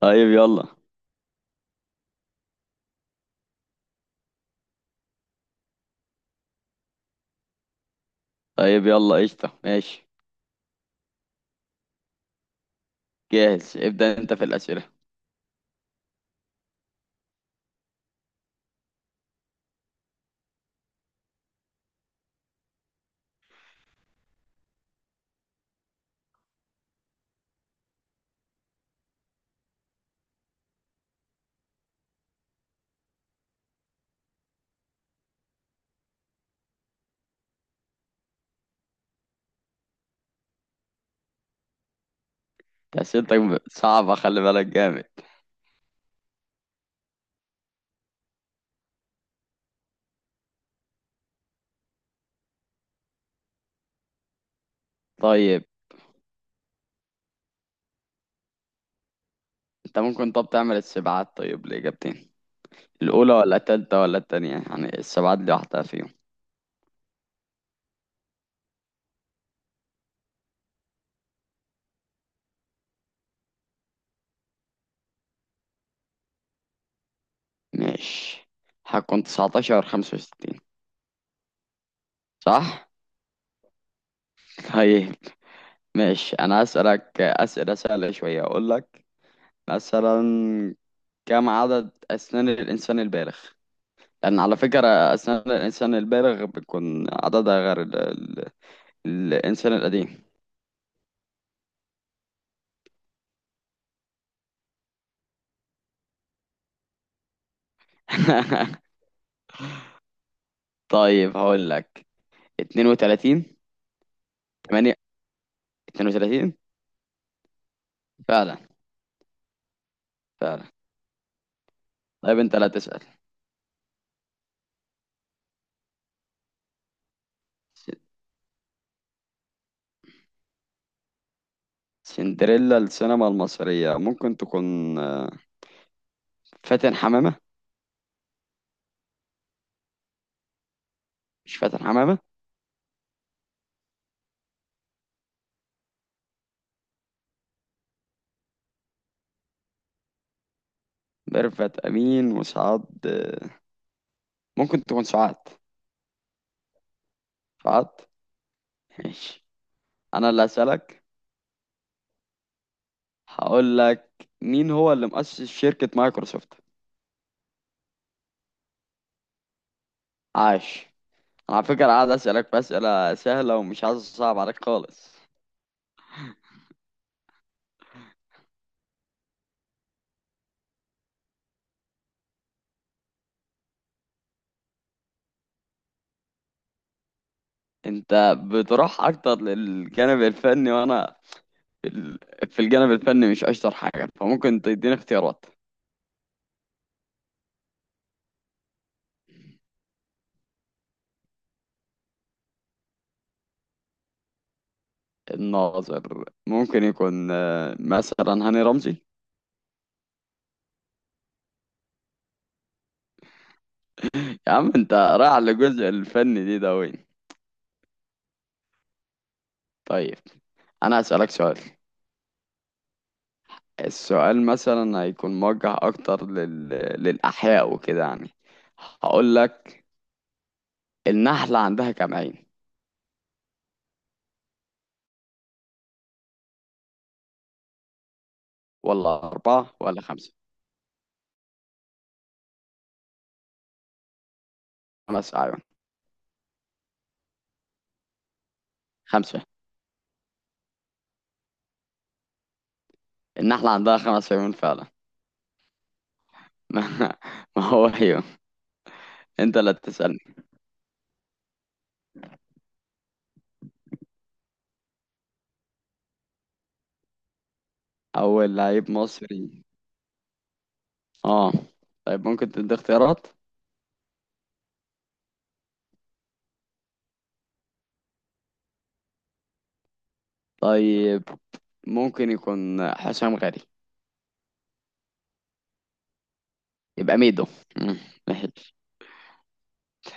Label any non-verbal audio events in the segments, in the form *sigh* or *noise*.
طيب يلا طيب يلا قشطة ماشي. جاهز، ابدأ انت في الأسئلة. أسئلتك صعبة خلي بالك جامد. طيب انت ممكن طب تعمل السبعات طيب لإجابتين؟ الأولى ولا التالتة ولا التانية؟ يعني السبعات دي واحدة فيهم. ماشي، هكون تسعتاشر خمسة وستين. صح؟ طيب ماشي، أنا هسألك أسئلة سهلة شوية. أقول لك مثلا: كم عدد أسنان الإنسان البالغ؟ لأن على فكرة أسنان الإنسان البالغ بتكون عددها غير الإنسان القديم. *laughs* طيب هقول لك: 32، 8، 32. فعلا. فعلا. طيب أنت لا تسأل. س- سندريلا السينما المصرية ممكن تكون فاتن حمامة. مش فاتن حمامة؟ ميرفت أمين وسعاد، ممكن تكون سعاد. سعاد. ماشي، أنا اللي هسألك. هقول لك: مين هو اللي مؤسس شركة مايكروسوفت؟ عاش. أنا على فكرة قاعد أسألك بأسئلة سهلة ومش عايز أصعب عليك خالص. انت بتروح اكتر للجانب الفني، وانا في ال- في الجانب الفني مش اشطر حاجه، فممكن تديني اختيارات. الناظر ممكن يكون مثلا هاني رمزي. يا عم انت رايح للجزء الفني دي، ده وين؟ طيب انا هسألك سؤال. السؤال مثلا هيكون موجه اكتر للاحياء وكده، يعني. هقول لك: النحله عندها كام عين؟ ولا اربعه ولا خمسه؟ خمس اعين. خمسه. النحله عندها خمس عيون فعلا. *laughs* ما ما هو ايوه. انت اللي هتسألني. اول لعيب مصري؟ اه. طيب ممكن تدي اختيارات. طيب ممكن يكون حسام غالي. يبقى ميدو. مم، ماشي.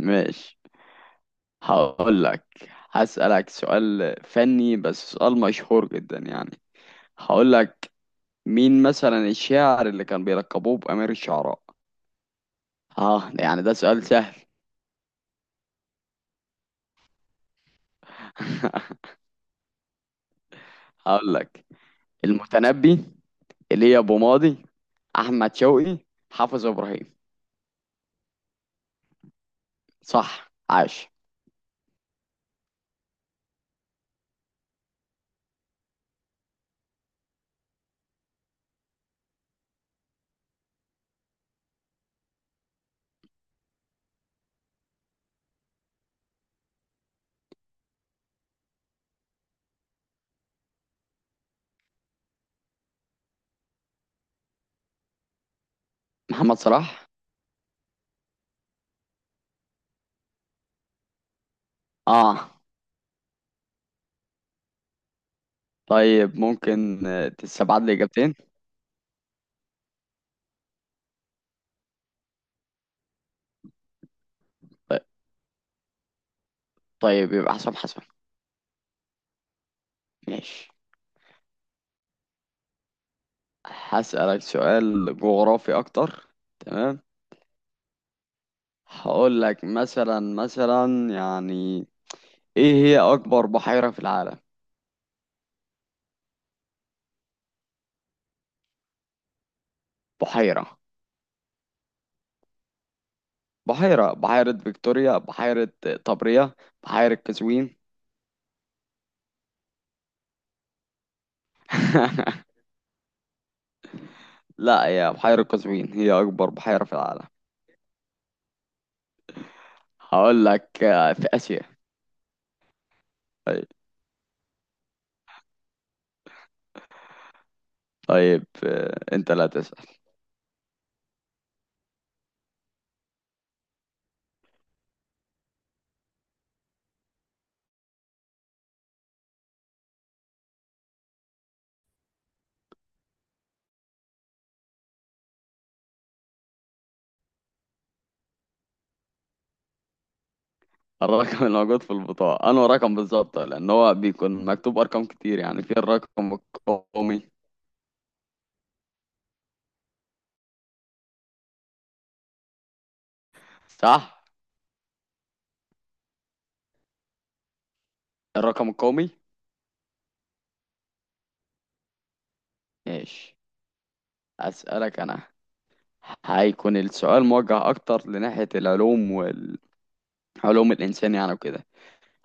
ماشي. هقول لك، هسألك سؤال فني بس سؤال مشهور جدا يعني. هقول لك: مين مثلا الشاعر اللي كان بيلقبوه بأمير الشعراء؟ اه ده يعني ده سؤال سهل. *laughs* هقول لك: المتنبي، ايليا ابو ماضي، احمد شوقي، حافظ ابراهيم. صح عاش. محمد صلاح. اه. طيب ممكن تستبعد لي اجابتين؟ طيب. طيب يبقى حسام حسن. ماشي. هسألك سؤال جغرافي اكتر. تمام. هقول لك مثلا، يعني، ايه هي اكبر بحيرة في العالم؟ بحيرة. بحيرة فيكتوريا، بحيرة طبرية، بحيرة قزوين. *laughs* لا، هي بحيرة قزوين هي اكبر بحيرة في العالم. هقول لك في اسيا. طيب انت لا تسأل. الرقم اللي موجود في البطاقة، انه رقم بالظبط، لان هو بيكون مكتوب ارقام كتير يعني. في الرقم القومي. صح، الرقم القومي. ماشي، اسألك انا. هيكون السؤال موجه اكتر لناحية العلوم، والعلوم الانسان يعني، وكده.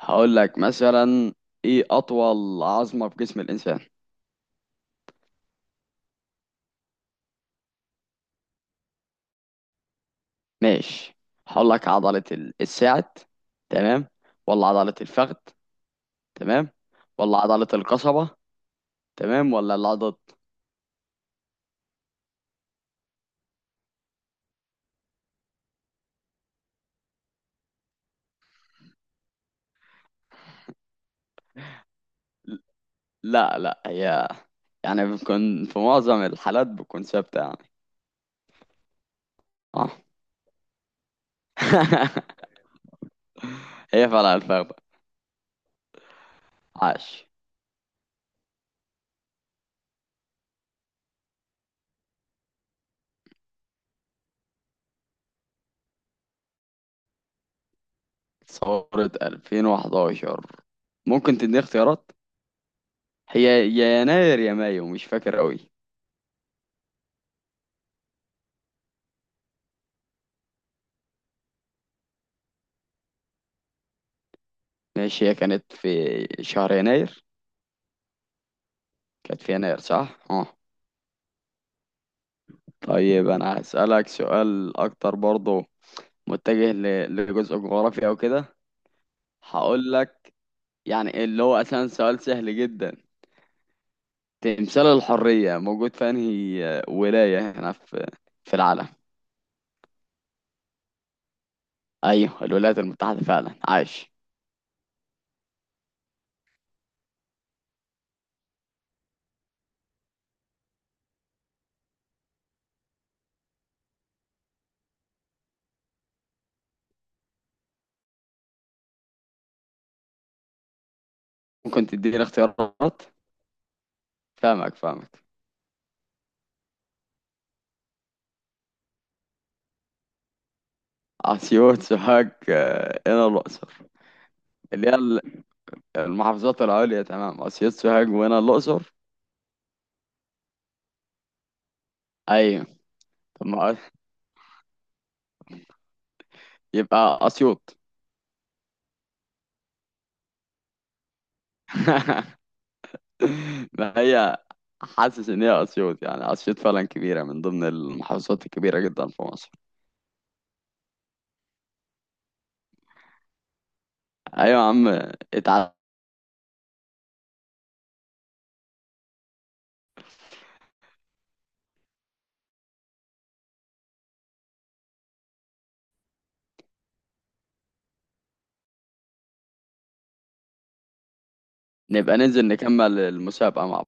هقول لك مثلا: ايه اطول عظمة في جسم الانسان؟ ماشي، هقول لك: عضلة الساعد، تمام، ولا عضلة الفخذ، تمام، ولا عضلة القصبة، تمام، ولا العضد. لا لا، هي يعني بتكون في معظم الحالات بتكون ثابتة يعني. اه. *laughs* هي فعلا الفخدة. عاش. ثورة 2011 ممكن تديني اختيارات؟ هي يا يناير يا مايو مش فاكر قوي. ماشي، هي كانت في شهر يناير. كانت في يناير، صح اه. طيب انا هسألك سؤال اكتر برضه متجه لجزء جغرافي او كده. هقول لك، يعني اللي هو اصلا سؤال سهل جدا: تمثال الحرية موجود في انهي ولاية هنا، في في العالم؟ ايوه الولايات المتحدة، فعلا عايش. ممكن تديني اختيارات. فاهمك، فاهمك. اسيوط، سوهاج، هنا الاقصر. اللي هي المحافظات العليا، تمام، اسيوط سوهاج وهنا الاقصر. ايوه. طب ما يبقى اسيوط. *laughs* ما هي، حاسس ان هي اسيوط، يعني اسيوط فعلا كبيرة من ضمن المحافظات الكبيرة جدا في مصر. ايوه يا عم، اتعلم. نبقى ننزل نكمل المسابقة مع بعض.